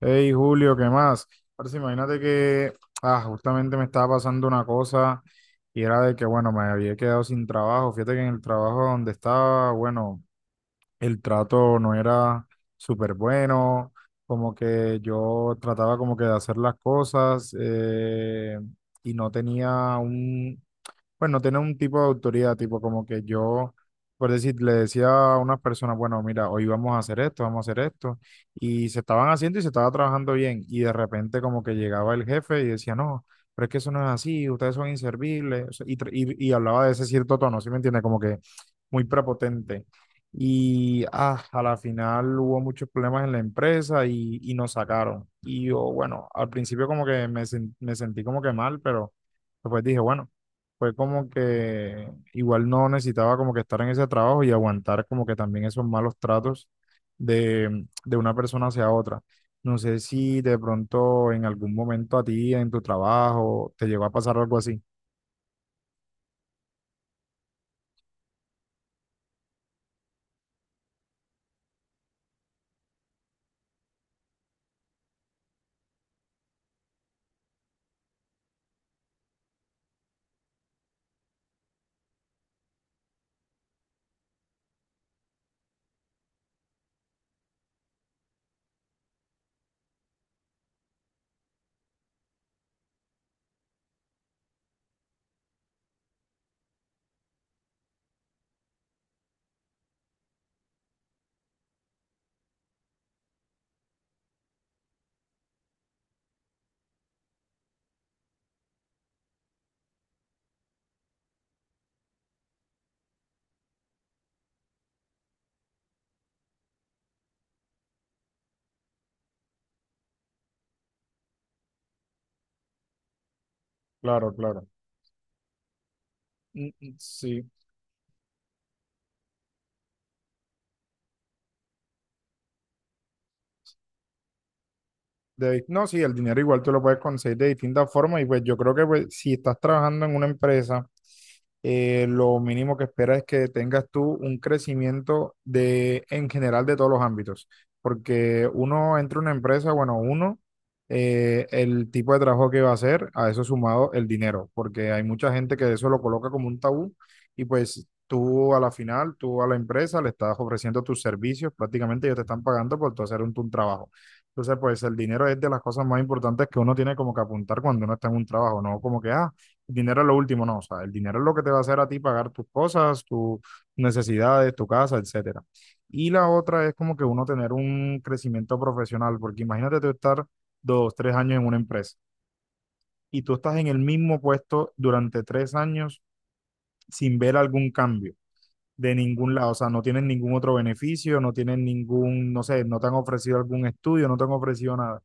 Hey Julio, ¿qué más? Ahora sí, imagínate que justamente me estaba pasando una cosa y era de que, bueno, me había quedado sin trabajo. Fíjate que en el trabajo donde estaba, bueno, el trato no era súper bueno, como que yo trataba como que de hacer las cosas y no tenía un, pues no tiene un tipo de autoridad, tipo como que yo, por decir, le decía a unas personas, bueno, mira, hoy vamos a hacer esto, vamos a hacer esto, y se estaban haciendo y se estaba trabajando bien, y de repente como que llegaba el jefe y decía, no, pero es que eso no es así, ustedes son inservibles, o sea, y hablaba de ese cierto tono, ¿sí me entiende? Como que muy prepotente. A la final hubo muchos problemas en la empresa y nos sacaron. Y yo, bueno, al principio como que me sentí como que mal, pero después dije, bueno, fue como que igual no necesitaba como que estar en ese trabajo y aguantar como que también esos malos tratos de una persona hacia otra. No sé si de pronto en algún momento a ti, en tu trabajo, te llegó a pasar algo así. Claro, claro. Sí. De- no, sí, el dinero igual tú lo puedes conseguir de distintas formas y pues yo creo que pues, si estás trabajando en una empresa lo mínimo que espera es que tengas tú un crecimiento de, en general de todos los ámbitos, porque uno entra a una empresa, bueno, uno, el tipo de trabajo que va a hacer, a eso sumado el dinero, porque hay mucha gente que eso lo coloca como un tabú y pues tú a la final, tú a la empresa le estás ofreciendo tus servicios, prácticamente ellos te están pagando por tú hacer un trabajo. Entonces, pues el dinero es de las cosas más importantes que uno tiene como que apuntar cuando uno está en un trabajo, no como que, ah, el dinero es lo último, no, o sea, el dinero es lo que te va a hacer a ti pagar tus cosas, tus necesidades, tu casa, etcétera. Y la otra es como que uno tener un crecimiento profesional, porque imagínate tú estar dos, tres años en una empresa y tú estás en el mismo puesto durante tres años sin ver algún cambio de ningún lado, o sea, no tienes ningún otro beneficio, no tienes ningún, no sé, no te han ofrecido algún estudio, no te han ofrecido nada,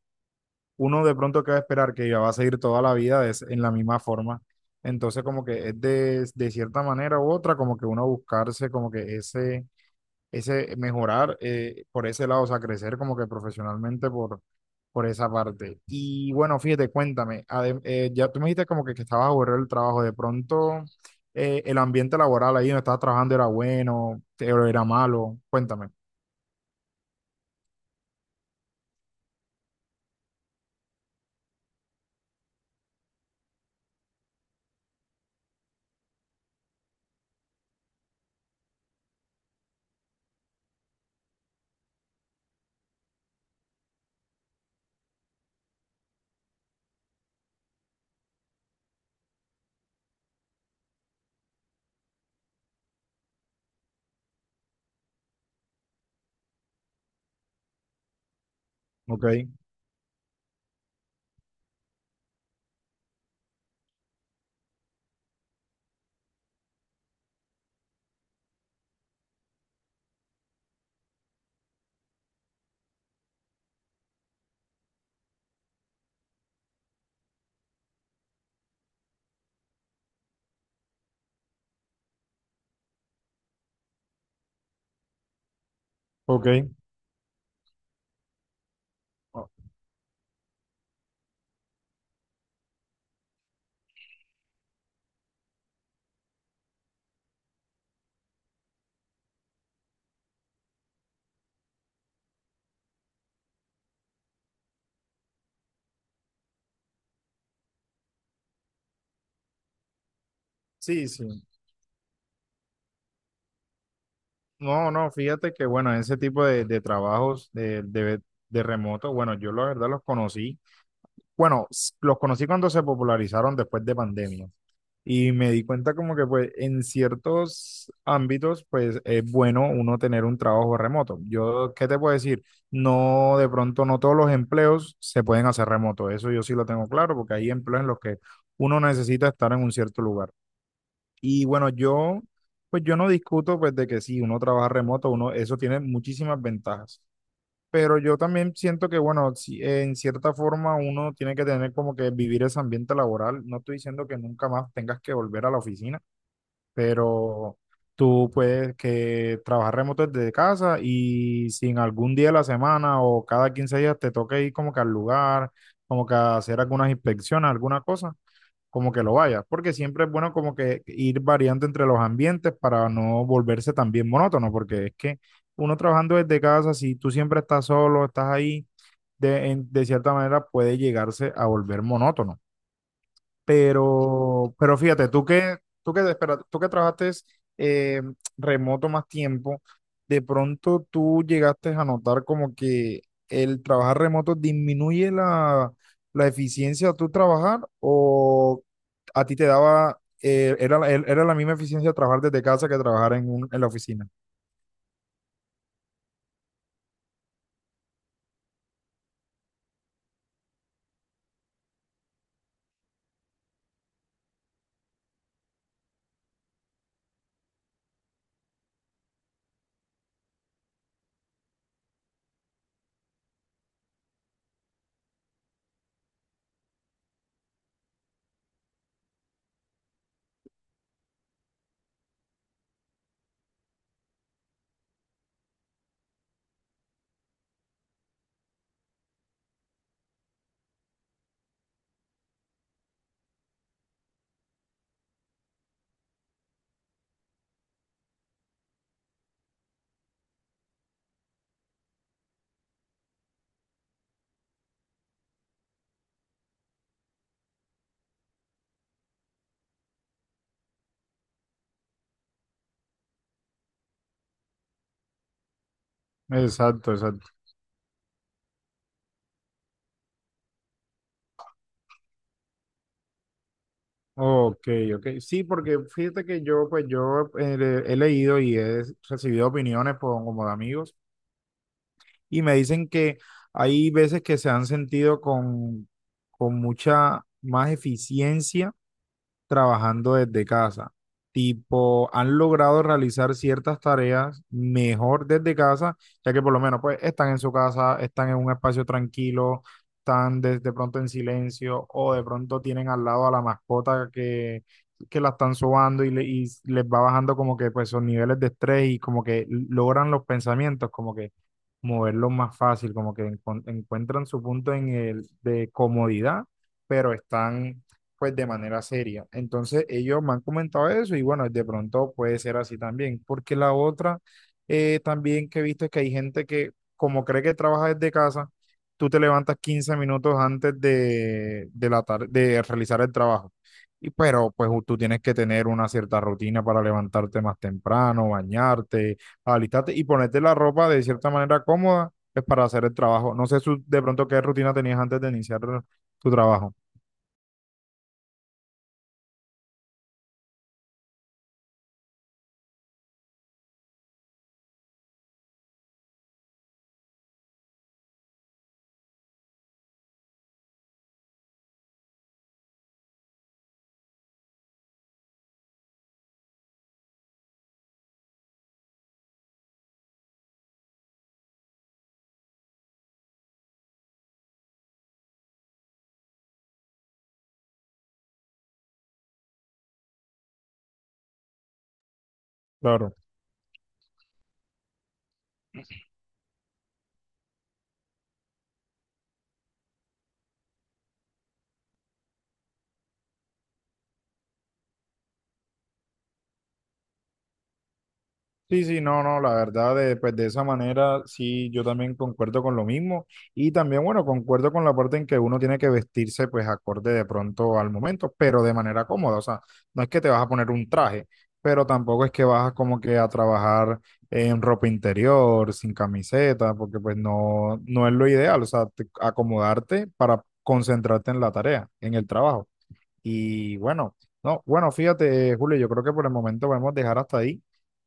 uno de pronto que va a esperar que va a seguir toda la vida de es en la misma forma. Entonces, como que es de cierta manera u otra, como que uno buscarse, como que ese mejorar por ese lado, o sea, crecer como que profesionalmente por esa parte. Y bueno, fíjate, cuéntame, ya tú me dijiste como que estabas aburrido del trabajo, de pronto el ambiente laboral ahí donde estabas trabajando era bueno, te- era malo, cuéntame. Ok, ok. Oh, sí, sí. No, no, fíjate que bueno, ese tipo de trabajos de remoto, bueno, yo la verdad los conocí, bueno, los conocí cuando se popularizaron después de pandemia y me di cuenta como que pues en ciertos ámbitos pues es bueno uno tener un trabajo remoto. Yo, ¿qué te puedo decir? No, de pronto no todos los empleos se pueden hacer remoto, eso yo sí lo tengo claro porque hay empleos en los que uno necesita estar en un cierto lugar. Y bueno, yo, pues yo no discuto pues de que sí, uno trabaja remoto, uno, eso tiene muchísimas ventajas. Pero yo también siento que, bueno, si- en cierta forma uno tiene que tener como que vivir ese ambiente laboral. No estoy diciendo que nunca más tengas que volver a la oficina, pero tú puedes que trabajar remoto desde casa y si en algún día de la semana o cada 15 días te toca ir como que al lugar, como que a hacer algunas inspecciones, alguna cosa como que lo vaya, porque siempre es bueno como que ir variando entre los ambientes para no volverse también monótono, porque es que uno trabajando desde casa, si tú siempre estás solo, estás ahí, de cierta manera puede llegarse a volver monótono. Pero fíjate, espera, tú que trabajaste eh, remoto más tiempo, de pronto tú llegaste a notar como que el trabajar remoto disminuye la eficiencia de tu trabajar o a ti te daba, era la misma eficiencia trabajar desde casa que trabajar en la oficina. Exacto, exacto. Ok, ok. Sí, porque fíjate que yo, pues yo he leído y he recibido opiniones por- como de amigos. Y me dicen que hay veces que se han sentido con mucha más eficiencia trabajando desde casa. Tipo, han logrado realizar ciertas tareas mejor desde casa, ya que por lo menos pues están en su casa, están en un espacio tranquilo, están de pronto en silencio o de pronto tienen al lado a la mascota que la están sobando y les va bajando como que pues sus niveles de estrés y como que logran los pensamientos, como que moverlos más fácil, como que encuentran su punto en el de comodidad, pero están pues de manera seria. Entonces ellos me han comentado eso y bueno, de pronto puede ser así también, porque la otra también que he visto es que hay gente que como cree que trabaja desde casa, tú te levantas 15 minutos antes de realizar el trabajo. Y pero pues tú tienes que tener una cierta rutina para levantarte más temprano, bañarte, alistarte y ponerte la ropa de cierta manera cómoda pues, para hacer el trabajo. No sé de pronto qué rutina tenías antes de iniciar tu trabajo. Claro. Sí, sí, no, no, la verdad, pues de esa manera sí, yo también concuerdo con lo mismo y también, bueno, concuerdo con la parte en que uno tiene que vestirse pues acorde de pronto al momento, pero de manera cómoda, o sea, no es que te vas a poner un traje, pero tampoco es que vas como que a trabajar en ropa interior, sin camiseta, porque pues no, no es lo ideal, o sea, te- acomodarte para concentrarte en la tarea, en el trabajo. Y bueno, no, bueno, fíjate, Julio, yo creo que por el momento podemos dejar hasta ahí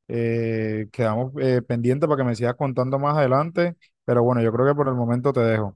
quedamos pendientes para que me sigas contando más adelante, pero bueno, yo creo que por el momento te dejo.